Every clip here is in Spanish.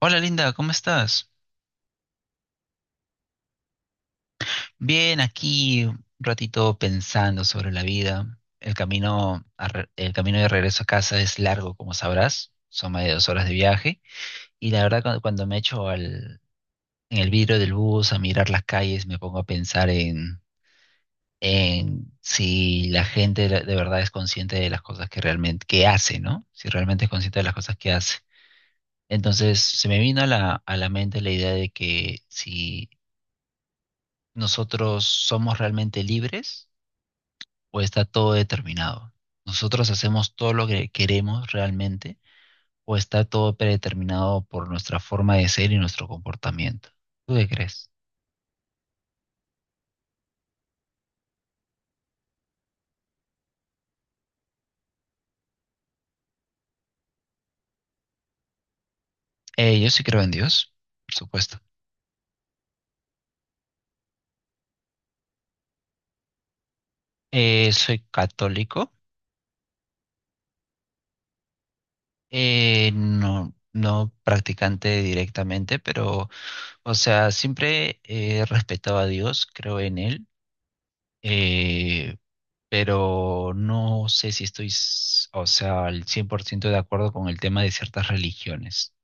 Hola Linda, ¿cómo estás? Bien, aquí un ratito pensando sobre la vida. El camino, el camino de regreso a casa es largo, como sabrás. Son más de 2 horas de viaje. Y la verdad, cuando me echo al, en el vidrio del bus a mirar las calles, me pongo a pensar en si la gente de verdad es consciente de las cosas que realmente que hace, ¿no? Si realmente es consciente de las cosas que hace. Entonces, se me vino a la mente la idea de que si ¿nosotros somos realmente libres o está todo determinado? ¿Nosotros hacemos todo lo que queremos realmente o está todo predeterminado por nuestra forma de ser y nuestro comportamiento? ¿Tú qué crees? Yo sí creo en Dios, por supuesto. Soy católico, no, no practicante directamente, pero, o sea, siempre he respetado a Dios, creo en Él. Eh, pero no sé si estoy, o sea, al 100% de acuerdo con el tema de ciertas religiones.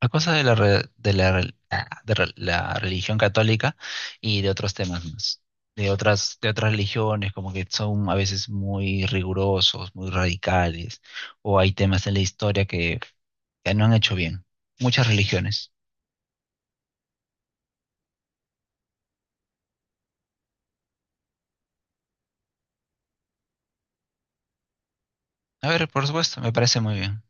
A cosas de la, re- de la, rel- ah, de re- la religión católica y de otros temas más. De otras religiones, como que son a veces muy rigurosos, muy radicales, o hay temas en la historia que no han hecho bien. Muchas religiones. A ver, por supuesto, me parece muy bien.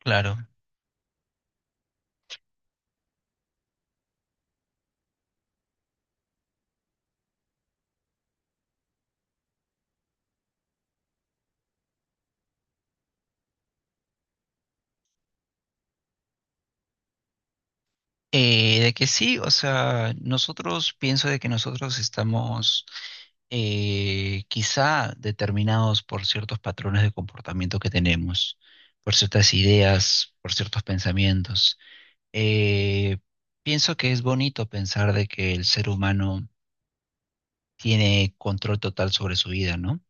Claro. De que sí, o sea, nosotros pienso de que nosotros estamos quizá determinados por ciertos patrones de comportamiento que tenemos, por ciertas ideas, por ciertos pensamientos. Eh, Pienso que es bonito pensar de que el ser humano tiene control total sobre su vida, ¿no?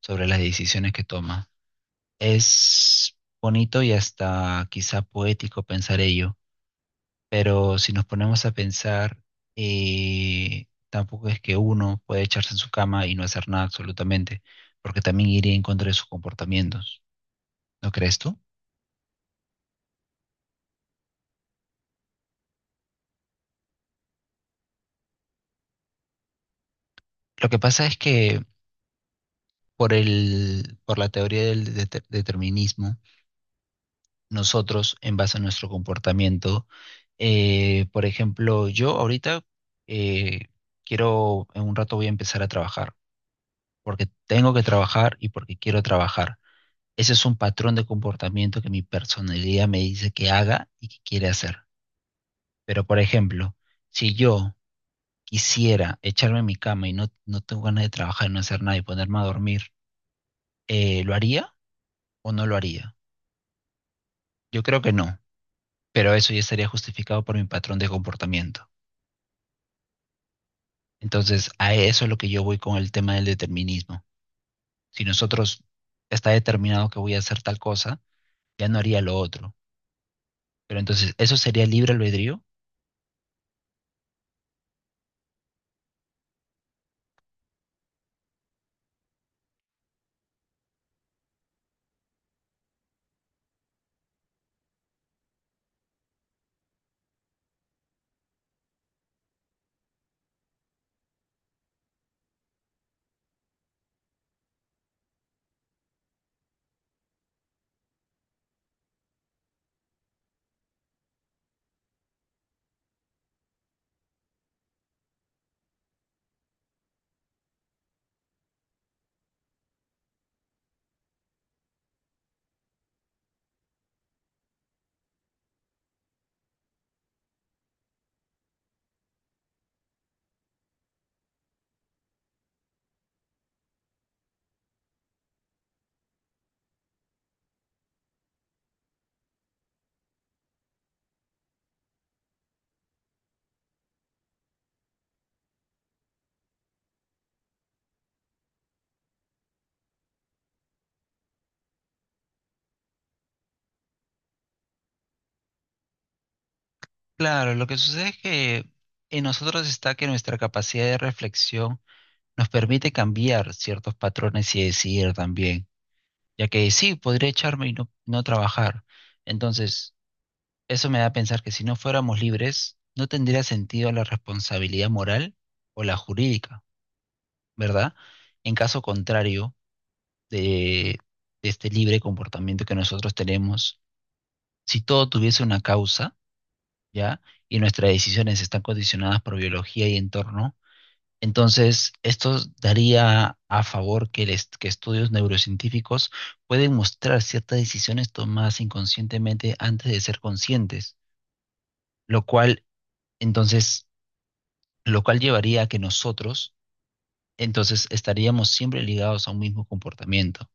Sobre las decisiones que toma. Es bonito y hasta quizá poético pensar ello, pero si nos ponemos a pensar, tampoco es que uno puede echarse en su cama y no hacer nada absolutamente, porque también iría en contra de sus comportamientos. ¿No crees tú? Lo que pasa es que por la teoría del determinismo, nosotros, en base a nuestro comportamiento, por ejemplo, yo ahorita eh, quiero, en un rato voy a empezar a trabajar, porque tengo que trabajar y porque quiero trabajar. Ese es un patrón de comportamiento que mi personalidad me dice que haga y que quiere hacer. Pero, por ejemplo, si yo quisiera echarme en mi cama y no, no tengo ganas de trabajar, no hacer nada y ponerme a dormir, ¿lo haría o no lo haría? Yo creo que no, pero eso ya estaría justificado por mi patrón de comportamiento. Entonces, a eso es lo que yo voy con el tema del determinismo. Si nosotros está determinado que voy a hacer tal cosa, ya no haría lo otro. Pero entonces, ¿eso sería libre albedrío? Claro, lo que sucede es que en nosotros está que nuestra capacidad de reflexión nos permite cambiar ciertos patrones y decidir también, ya que sí, podría echarme y no, no trabajar. Entonces, eso me da a pensar que si no fuéramos libres, no tendría sentido la responsabilidad moral o la jurídica, ¿verdad? En caso contrario de, de este libre comportamiento que nosotros tenemos, si todo tuviese una causa, ¿ya? Y nuestras decisiones están condicionadas por biología y entorno. Entonces, esto daría a favor que, el que estudios neurocientíficos pueden mostrar ciertas decisiones tomadas inconscientemente antes de ser conscientes, lo cual, entonces, lo cual llevaría a que nosotros, entonces, estaríamos siempre ligados a un mismo comportamiento,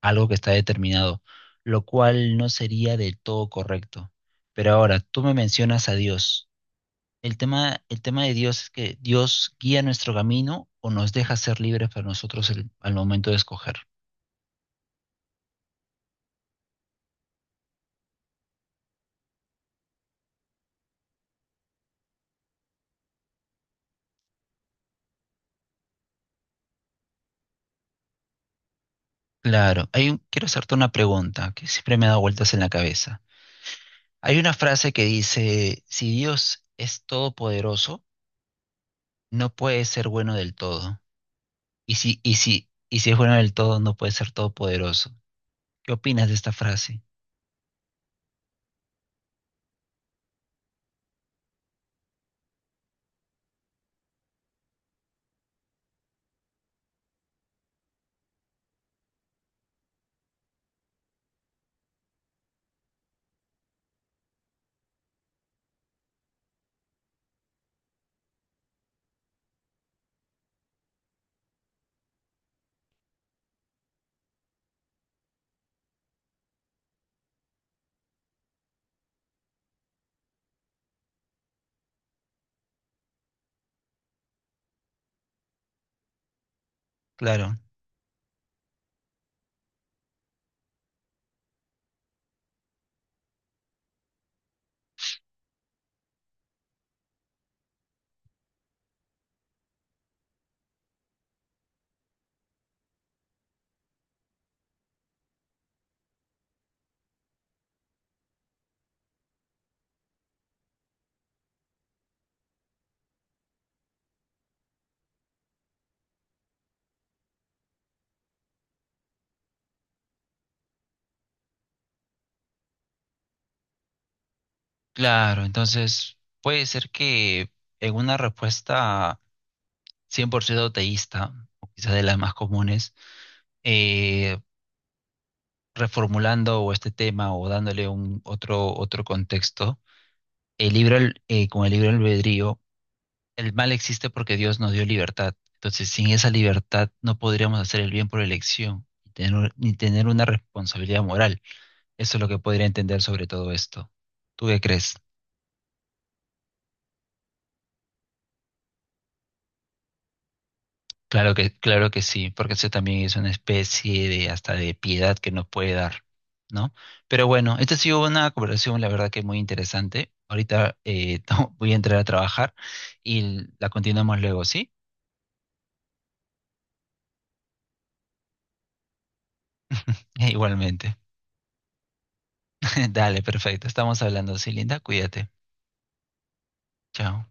algo que está determinado, lo cual no sería del todo correcto. Pero ahora, tú me mencionas a Dios. El tema de Dios es que Dios guía nuestro camino o nos deja ser libres para nosotros al momento de escoger. Claro, quiero hacerte una pregunta que siempre me ha dado vueltas en la cabeza. Hay una frase que dice, si Dios es todopoderoso, no puede ser bueno del todo. Y si es bueno del todo, no puede ser todopoderoso. ¿Qué opinas de esta frase? Claro, claro. Entonces, puede ser que en una respuesta 100% teísta, o quizás de las más comunes, eh, reformulando o este tema o dándole un otro, otro contexto, el libro, con el libro albedrío, el mal existe porque Dios nos dio libertad. Entonces, sin esa libertad no podríamos hacer el bien por elección ni tener, ni tener una responsabilidad moral. Eso es lo que podría entender sobre todo esto. ¿Tú qué crees? Claro que sí, porque eso también es una especie de hasta de piedad que nos puede dar, ¿no? Pero bueno, esta ha sido una conversación, la verdad que muy interesante. Ahorita voy a entrar a trabajar y la continuamos luego, ¿sí? Igualmente. Dale, perfecto. Estamos hablando, sí, linda. Cuídate. Chao.